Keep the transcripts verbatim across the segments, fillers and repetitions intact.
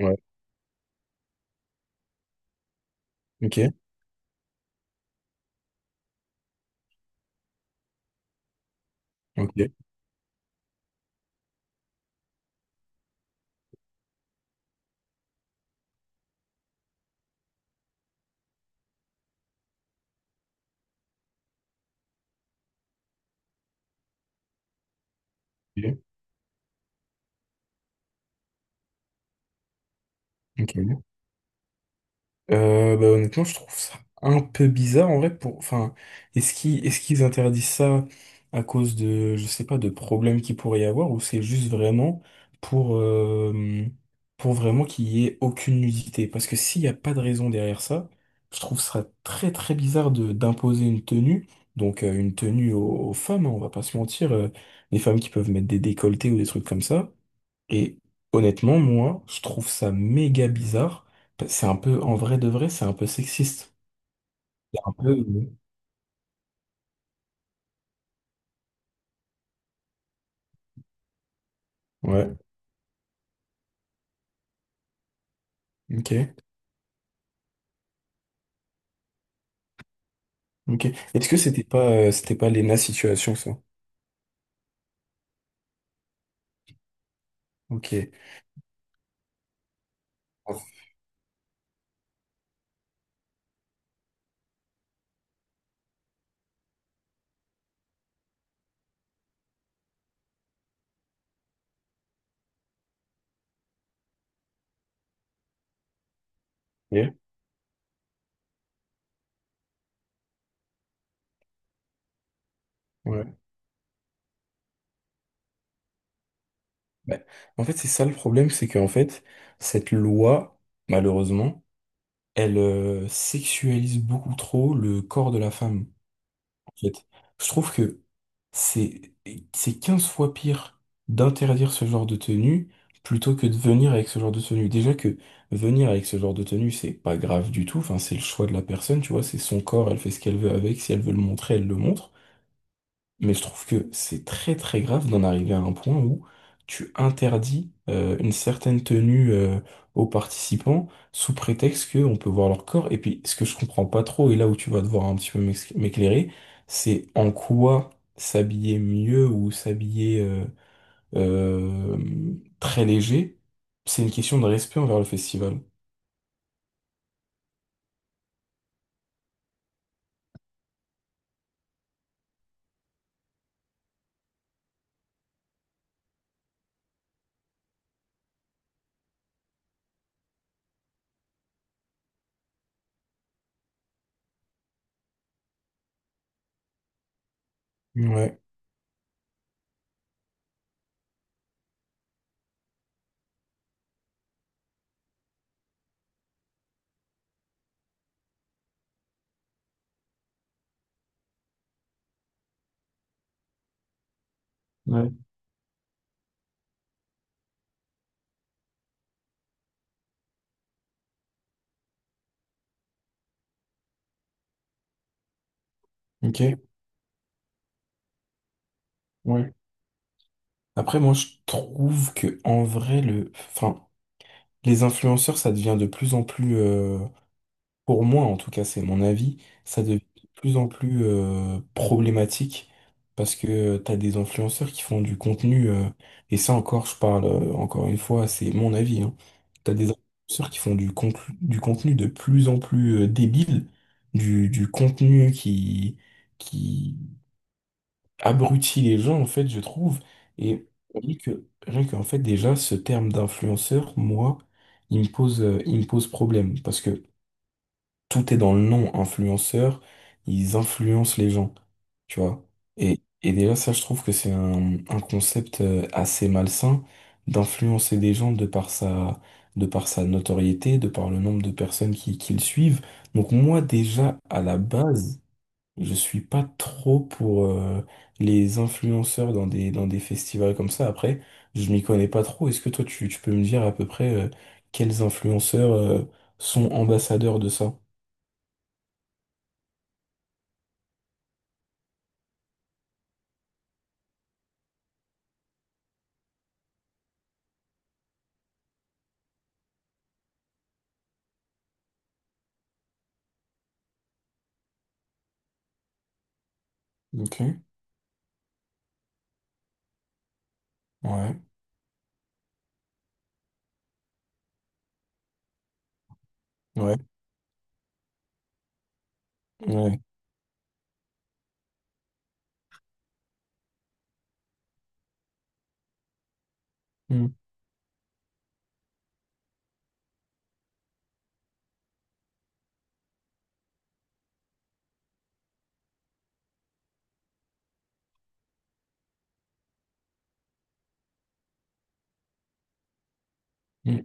Ouais, ok, ok, ok, ok. Euh, bah, honnêtement, je trouve ça un peu bizarre en vrai pour. Enfin, est-ce qu'ils est-ce qu'ils interdisent ça à cause de, je sais pas, de problèmes qu'il pourrait y avoir, ou c'est juste vraiment pour euh, pour vraiment qu'il y ait aucune nudité? Parce que s'il n'y a pas de raison derrière ça, je trouve ça très très bizarre de d'imposer une tenue, donc euh, une tenue aux, aux femmes, hein, on va pas se mentir, euh, les femmes qui peuvent mettre des décolletés ou des trucs comme ça. Et honnêtement, moi, je trouve ça méga bizarre. C'est un peu, en vrai de vrai, c'est un peu sexiste. C'est Un peu... Ouais, ok, ok. Est-ce que c'était pas, euh, c'était pas l'E N A situation, ça? Ok. Ok, ouais. Bah, en fait, c'est ça le problème, c'est qu'en fait, cette loi, malheureusement, elle euh, sexualise beaucoup trop le corps de la femme, en fait. Je trouve que C'est, c'est quinze fois pire d'interdire ce genre de tenue plutôt que de venir avec ce genre de tenue. Déjà que venir avec ce genre de tenue, c'est pas grave du tout. Enfin, c'est le choix de la personne, tu vois, c'est son corps, elle fait ce qu'elle veut avec. Si elle veut le montrer, elle le montre. Mais je trouve que c'est très très grave d'en arriver à un point où tu interdis euh, une certaine tenue euh, aux participants sous prétexte qu'on peut voir leur corps. Et puis ce que je comprends pas trop, et là où tu vas devoir un petit peu m'ex- m'éclairer, c'est en quoi s'habiller mieux ou s'habiller euh, euh, très léger, c'est une question de respect envers le festival. Ouais, ouais, ok, ouais. Après, moi, je trouve que en vrai, le, enfin, les influenceurs, ça devient de plus en plus, euh, pour moi en tout cas, c'est mon avis, ça devient de plus en plus euh, problématique parce que tu as des influenceurs qui font du contenu, euh, et ça encore, je parle euh, encore une fois, c'est mon avis, hein. Tu as des influenceurs qui font du, conclu- du contenu de plus en plus euh, débile, du, du contenu qui, qui, abrutit les gens, en fait, je trouve. Et rien que, rien qu'en fait, déjà, ce terme d'influenceur, moi, il me pose, euh, il me pose problème. Parce que tout est dans le nom influenceur, ils influencent les gens, tu vois. Et, et déjà, ça, je trouve que c'est un, un concept euh, assez malsain d'influencer des gens de par sa, de par sa notoriété, de par le nombre de personnes qui, qui le suivent. Donc moi, déjà, à la base, je suis pas trop pour euh, les influenceurs dans des, dans des festivals comme ça. Après, je m'y connais pas trop. Est-ce que toi, tu, tu peux me dire à peu près euh, quels influenceurs euh, sont ambassadeurs de ça? Ok. Ouais, ouais, ouais. Mm, mm.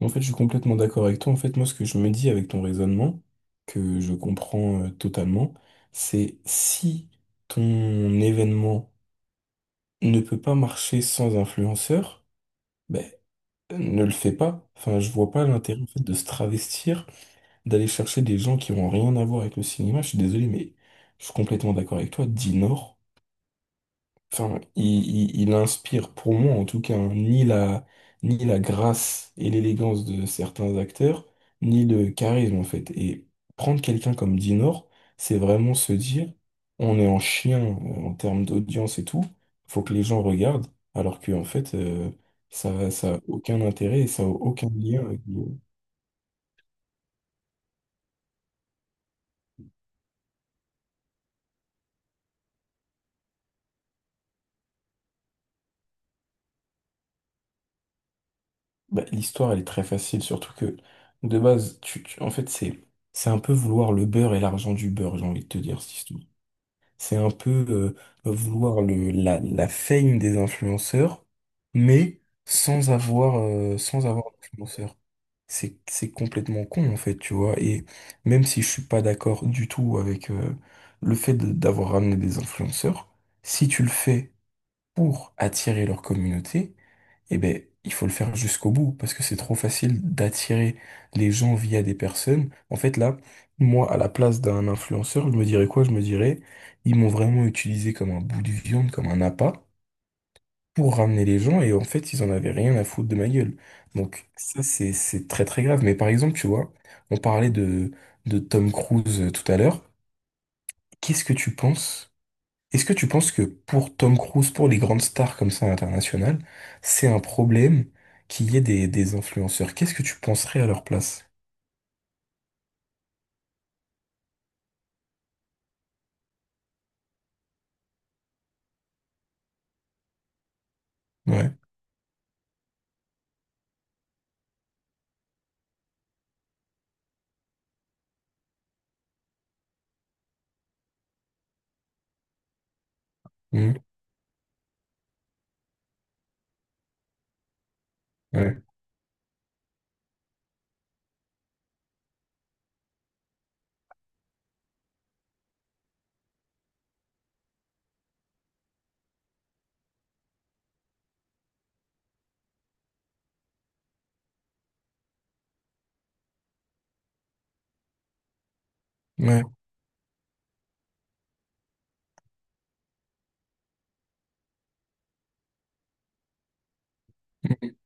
En fait, je suis complètement d'accord avec toi. En fait, moi, ce que je me dis avec ton raisonnement, que je comprends euh, totalement, c'est si ton événement ne peut pas marcher sans influenceur, ne le fait pas. Enfin, je vois pas l'intérêt en fait de se travestir, d'aller chercher des gens qui ont rien à voir avec le cinéma. Je suis désolé, mais je suis complètement d'accord avec toi. Dinor. Enfin, il, il- il inspire pour moi en tout cas hein, ni la, ni la grâce et l'élégance de certains acteurs, ni le charisme en fait. Et prendre quelqu'un comme Dinor, c'est vraiment se dire, on est en chien euh, en termes d'audience et tout, faut que les gens regardent, alors que en fait, euh, ça, ça a aucun intérêt et ça a aucun lien avec le- Bah, l'histoire. Elle est très facile, surtout que de base, tu, tu- en fait, c'est, c'est un peu vouloir le beurre et l'argent du beurre, j'ai envie de te dire, cette histoire. C'est un peu euh, vouloir le, la, la fame des influenceurs, mais sans avoir, euh, sans avoir d'influenceurs. C'est, c'est complètement con, en fait, tu vois. Et même si je suis pas d'accord du tout avec euh, le fait de- d'avoir ramené des influenceurs, si tu le fais pour attirer leur communauté, eh ben, il faut le faire jusqu'au bout parce que c'est trop facile d'attirer les gens via des personnes. En fait, là, moi, à la place d'un influenceur, je me dirais quoi? Je me dirais, ils m'ont vraiment utilisé comme un bout de viande, comme un appât pour ramener les gens et en fait, ils en avaient rien à foutre de ma gueule. Donc, ça, c'est, c'est très très grave. Mais par exemple, tu vois, on parlait de, de Tom Cruise euh, tout à l'heure. Qu'est-ce que tu penses? Est-ce que tu penses que pour Tom Cruise, pour les grandes stars comme ça internationales, c'est un problème qu'il y ait des, des influenceurs? Qu'est-ce que tu penserais à leur place? Ouais. Mhm. Ouais. Ouais. Mhm.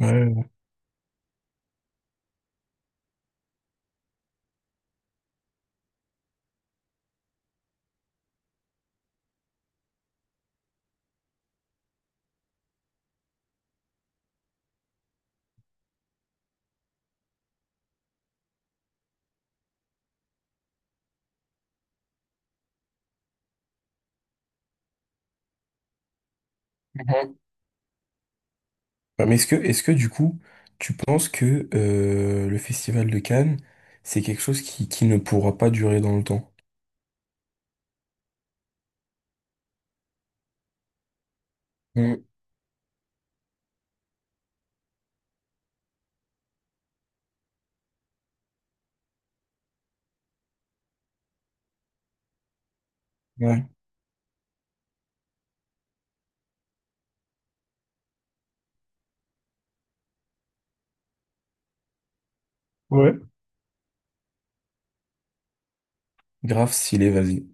Ouais. Mhm. Ouais, mais est-ce que, est-ce que du coup, tu penses que euh, le Festival de Cannes, c'est quelque chose qui, qui ne pourra pas durer dans le temps? Mhm. Ouais. Ouais. Grave, s'il est, vas-y.